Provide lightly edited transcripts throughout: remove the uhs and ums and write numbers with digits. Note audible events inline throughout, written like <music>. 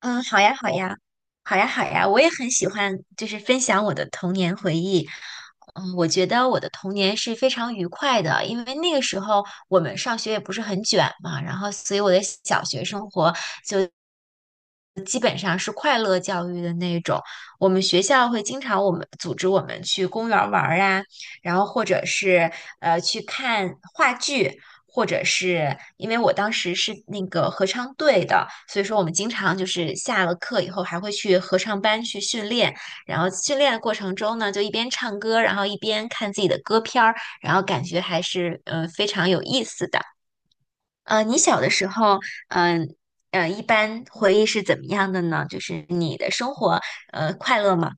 嗯，好呀，好呀，我也很喜欢，就是分享我的童年回忆。嗯，我觉得我的童年是非常愉快的，因为那个时候我们上学也不是很卷嘛，然后所以我的小学生活就基本上是快乐教育的那种。我们学校会经常我们组织我们去公园儿玩儿啊，然后或者是去看话剧。或者是因为我当时是那个合唱队的，所以说我们经常就是下了课以后还会去合唱班去训练，然后训练的过程中呢，就一边唱歌，然后一边看自己的歌片儿，然后感觉还是非常有意思的。你小的时候，嗯、一般回忆是怎么样的呢？就是你的生活，快乐吗？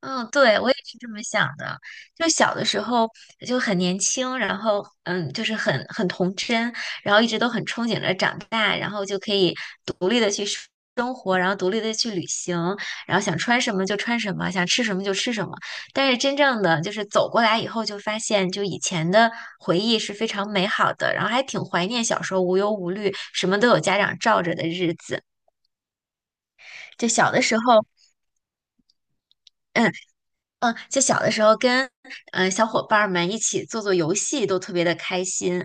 嗯，对，我也是这么想的。就小的时候就很年轻，然后嗯，就是很童真，然后一直都很憧憬着长大，然后就可以独立的去生活，然后独立的去旅行，然后想穿什么就穿什么，想吃什么就吃什么。但是真正的就是走过来以后，就发现就以前的回忆是非常美好的，然后还挺怀念小时候无忧无虑，什么都有家长罩着的日子。就小的时候。嗯，嗯，就小的时候跟嗯小伙伴儿们一起做做游戏都特别的开心。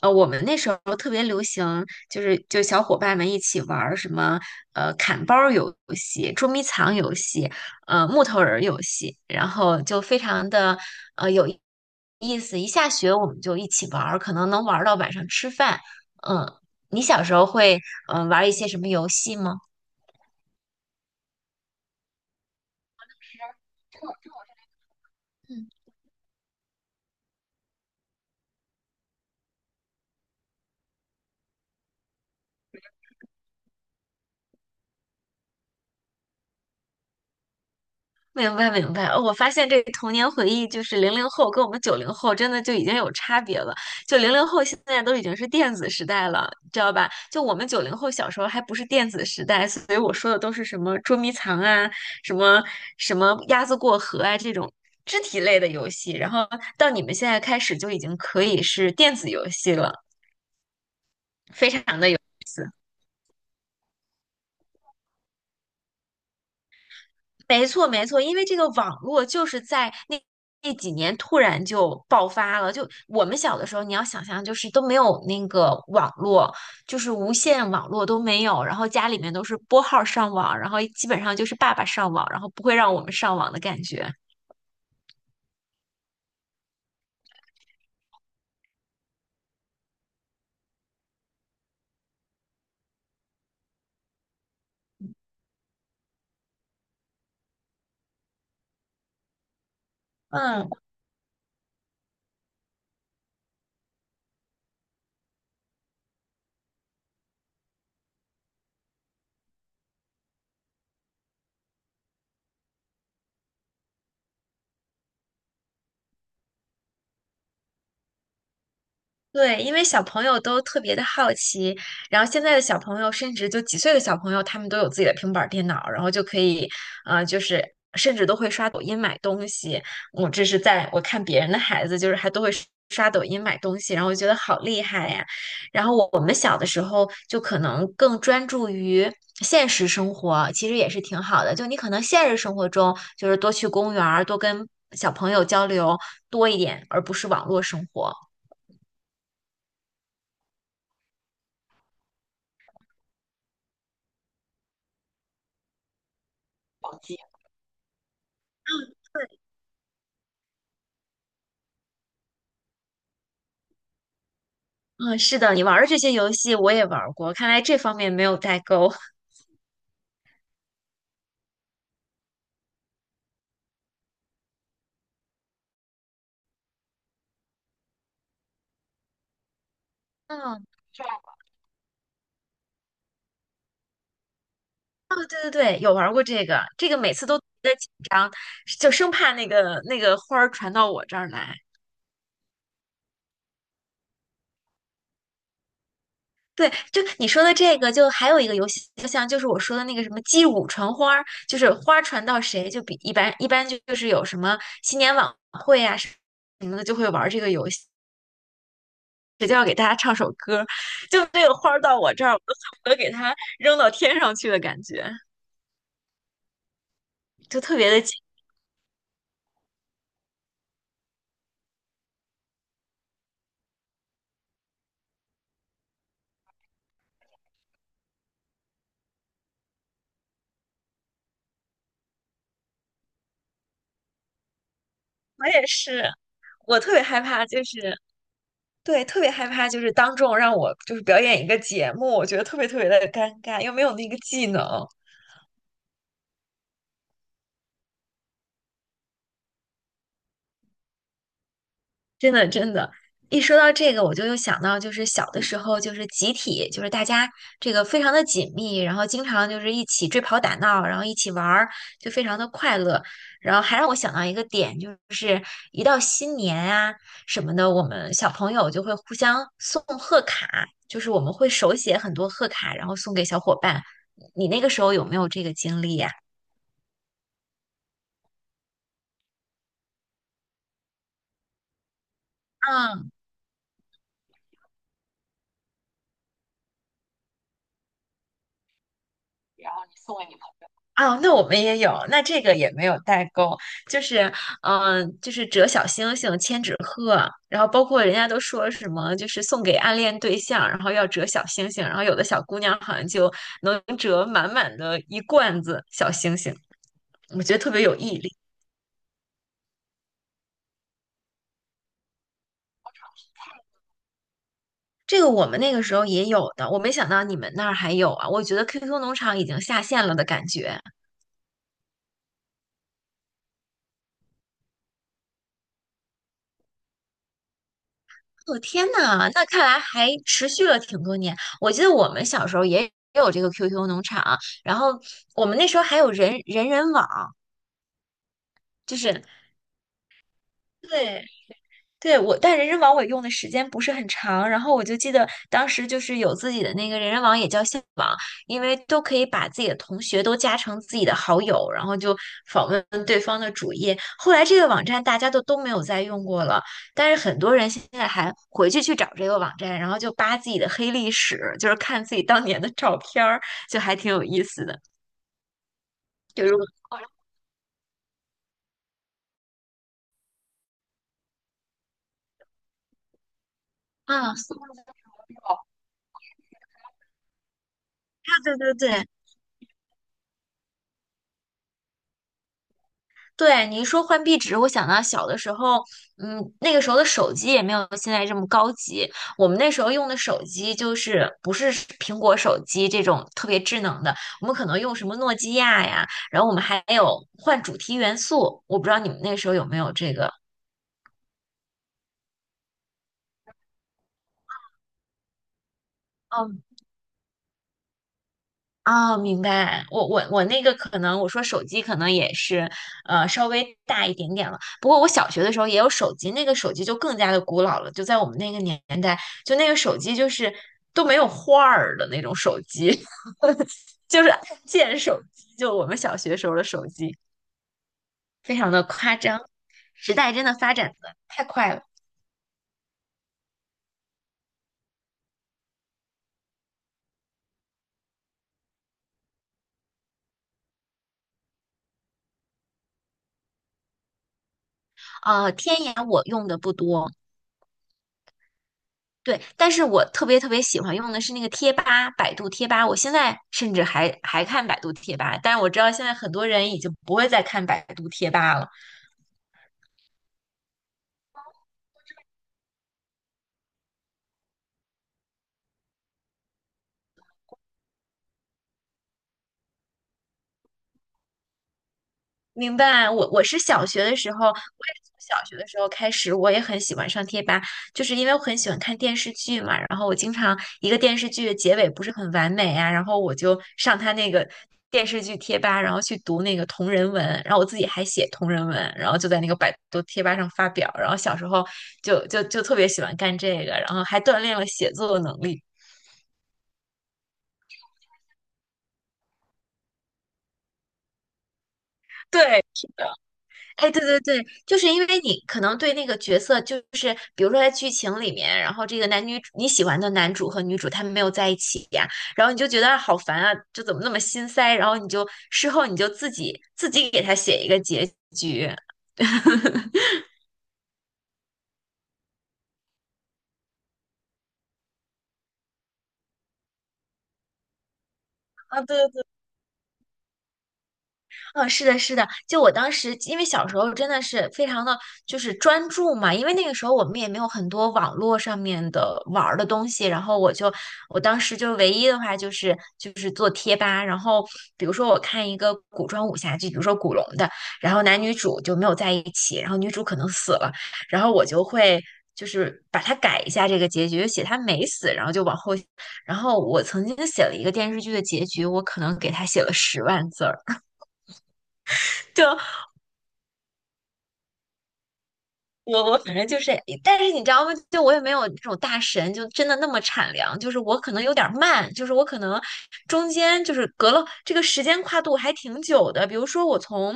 我们那时候特别流行，就是就小伙伴们一起玩儿什么砍包儿游戏、捉迷藏游戏、木头人儿游戏，然后就非常的有意思。一下学我们就一起玩儿，可能能玩儿到晚上吃饭。嗯，你小时候会玩儿一些什么游戏吗？明白明白，哦我发现这个童年回忆就是零零后跟我们九零后真的就已经有差别了。就零零后现在都已经是电子时代了，知道吧？就我们九零后小时候还不是电子时代，所以我说的都是什么捉迷藏啊，什么什么鸭子过河啊这种肢体类的游戏。然后到你们现在开始就已经可以是电子游戏了，非常的有意思。没错，没错，因为这个网络就是在那几年突然就爆发了。就我们小的时候，你要想象，就是都没有那个网络，就是无线网络都没有，然后家里面都是拨号上网，然后基本上就是爸爸上网，然后不会让我们上网的感觉。嗯。对，因为小朋友都特别的好奇，然后现在的小朋友，甚至就几岁的小朋友，他们都有自己的平板儿电脑，然后就可以，就是甚至都会刷抖音买东西。我这是在我看别人的孩子，就是还都会刷刷抖音买东西，然后我觉得好厉害呀。然后我们小的时候就可能更专注于现实生活，其实也是挺好的。就你可能现实生活中就是多去公园儿，多跟小朋友交流多一点，而不是网络生活。嗯，是的，你玩的这些游戏我也玩过，看来这方面没有代沟。<laughs> 嗯，哦，对对对，有玩过这个，这个每次都特别紧张，就生怕那个花儿传到我这儿来。对，就你说的这个，就还有一个游戏，就像就是我说的那个什么击鼓传花儿，就是花儿传到谁，就比一般就是有什么新年晚会啊什么的，就会玩这个游戏，谁就要给大家唱首歌 <laughs> 就这个花儿到我这儿，我都恨不得给它扔到天上去的感觉。就特别的紧。我也是，我特别害怕，就是对，特别害怕，就是当众让我就是表演一个节目，我觉得特别特别的尴尬，又没有那个技能。真的，真的，一说到这个，我就又想到，就是小的时候，就是集体，就是大家这个非常的紧密，然后经常就是一起追跑打闹，然后一起玩儿，就非常的快乐。然后还让我想到一个点，就是一到新年啊什么的，我们小朋友就会互相送贺卡，就是我们会手写很多贺卡，然后送给小伙伴。你那个时候有没有这个经历呀？啊，那我们也有，那这个也没有代沟，就是，就是折小星星、千纸鹤，然后包括人家都说什么，就是送给暗恋对象，然后要折小星星，然后有的小姑娘好像就能折满满的一罐子小星星，我觉得特别有毅力。这个我们那个时候也有的，我没想到你们那儿还有啊，我觉得 QQ 农场已经下线了的感觉。我天呐，那看来还持续了挺多年。我记得我们小时候也有这个 QQ 农场，然后我们那时候还有人人网，就是对对，我，但人人网我用的时间不是很长，然后我就记得当时就是有自己的那个人人网，也叫校网，因为都可以把自己的同学都加成自己的好友，然后就访问对方的主页。后来这个网站大家都没有再用过了，但是很多人现在还回去去找这个网站，然后就扒自己的黑历史，就是看自己当年的照片儿，就还挺有意思的。就如果，嗯，对对对对。对，你一说换壁纸，我想到小的时候，嗯，那个时候的手机也没有现在这么高级。我们那时候用的手机就是不是苹果手机这种特别智能的，我们可能用什么诺基亚呀，然后我们还有换主题元素，我不知道你们那时候有没有这个。哦，明白。我那个可能，我说手机可能也是，稍微大一点点了。不过我小学的时候也有手机，那个手机就更加的古老了，就在我们那个年代，就那个手机就是都没有画儿的那种手机，<laughs> 就是按键手机，就我们小学时候的手机，非常的夸张。时代真的发展的太快了。啊！天眼我用的不多，对，但是我特别特别喜欢用的是那个贴吧，百度贴吧。我现在甚至还看百度贴吧，但是我知道现在很多人已经不会再看百度贴吧了。明白，我是小学的时候，我也是从小学的时候开始，我也很喜欢上贴吧，就是因为我很喜欢看电视剧嘛，然后我经常一个电视剧的结尾不是很完美啊，然后我就上他那个电视剧贴吧，然后去读那个同人文，然后我自己还写同人文，然后就在那个百度贴吧上发表，然后小时候就特别喜欢干这个，然后还锻炼了写作能力。对，是的。哎，对对对，就是因为你可能对那个角色，就是比如说在剧情里面，然后这个男女主你喜欢的男主和女主他们没有在一起呀，然后你就觉得好烦啊，就怎么那么心塞，然后你就事后你就自己给他写一个结局啊，对对嗯，是的，是的，就我当时，因为小时候真的是非常的，就是专注嘛，因为那个时候我们也没有很多网络上面的玩儿的东西，然后我就，我当时就唯一的话就是做贴吧，然后比如说我看一个古装武侠剧，比如说古龙的，然后男女主就没有在一起，然后女主可能死了，然后我就会。就是把它改一下这个结局，写他没死，然后就往后，然后我曾经写了一个电视剧的结局，我可能给他写了10万字儿，<laughs> 我我反正就是，但是你知道吗？就我也没有那种大神，就真的那么产粮。就是我可能有点儿慢，就是我可能中间就是隔了这个时间跨度还挺久的。比如说我从，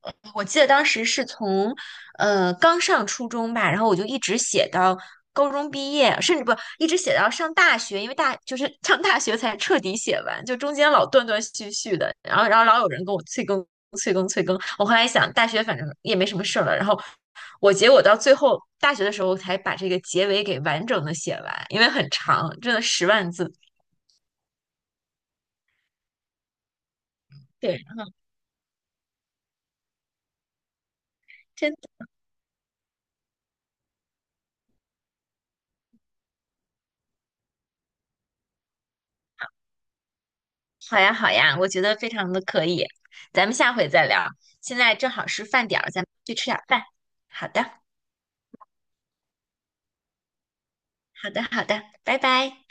我记得当时是从，刚上初中吧，然后我就一直写到高中毕业，甚至不一直写到上大学，因为大就是 <laughs> 上大学才彻底写完，就中间老断断续续的，然后然后老有人跟我催更。我后来想，大学反正也没什么事儿了，然后。我结果到最后大学的时候才把这个结尾给完整的写完，因为很长，真的十万字。对，嗯，真的好呀好呀，我觉得非常的可以，咱们下回再聊。现在正好是饭点儿，咱们去吃点儿饭。好的，好的，好的，拜拜。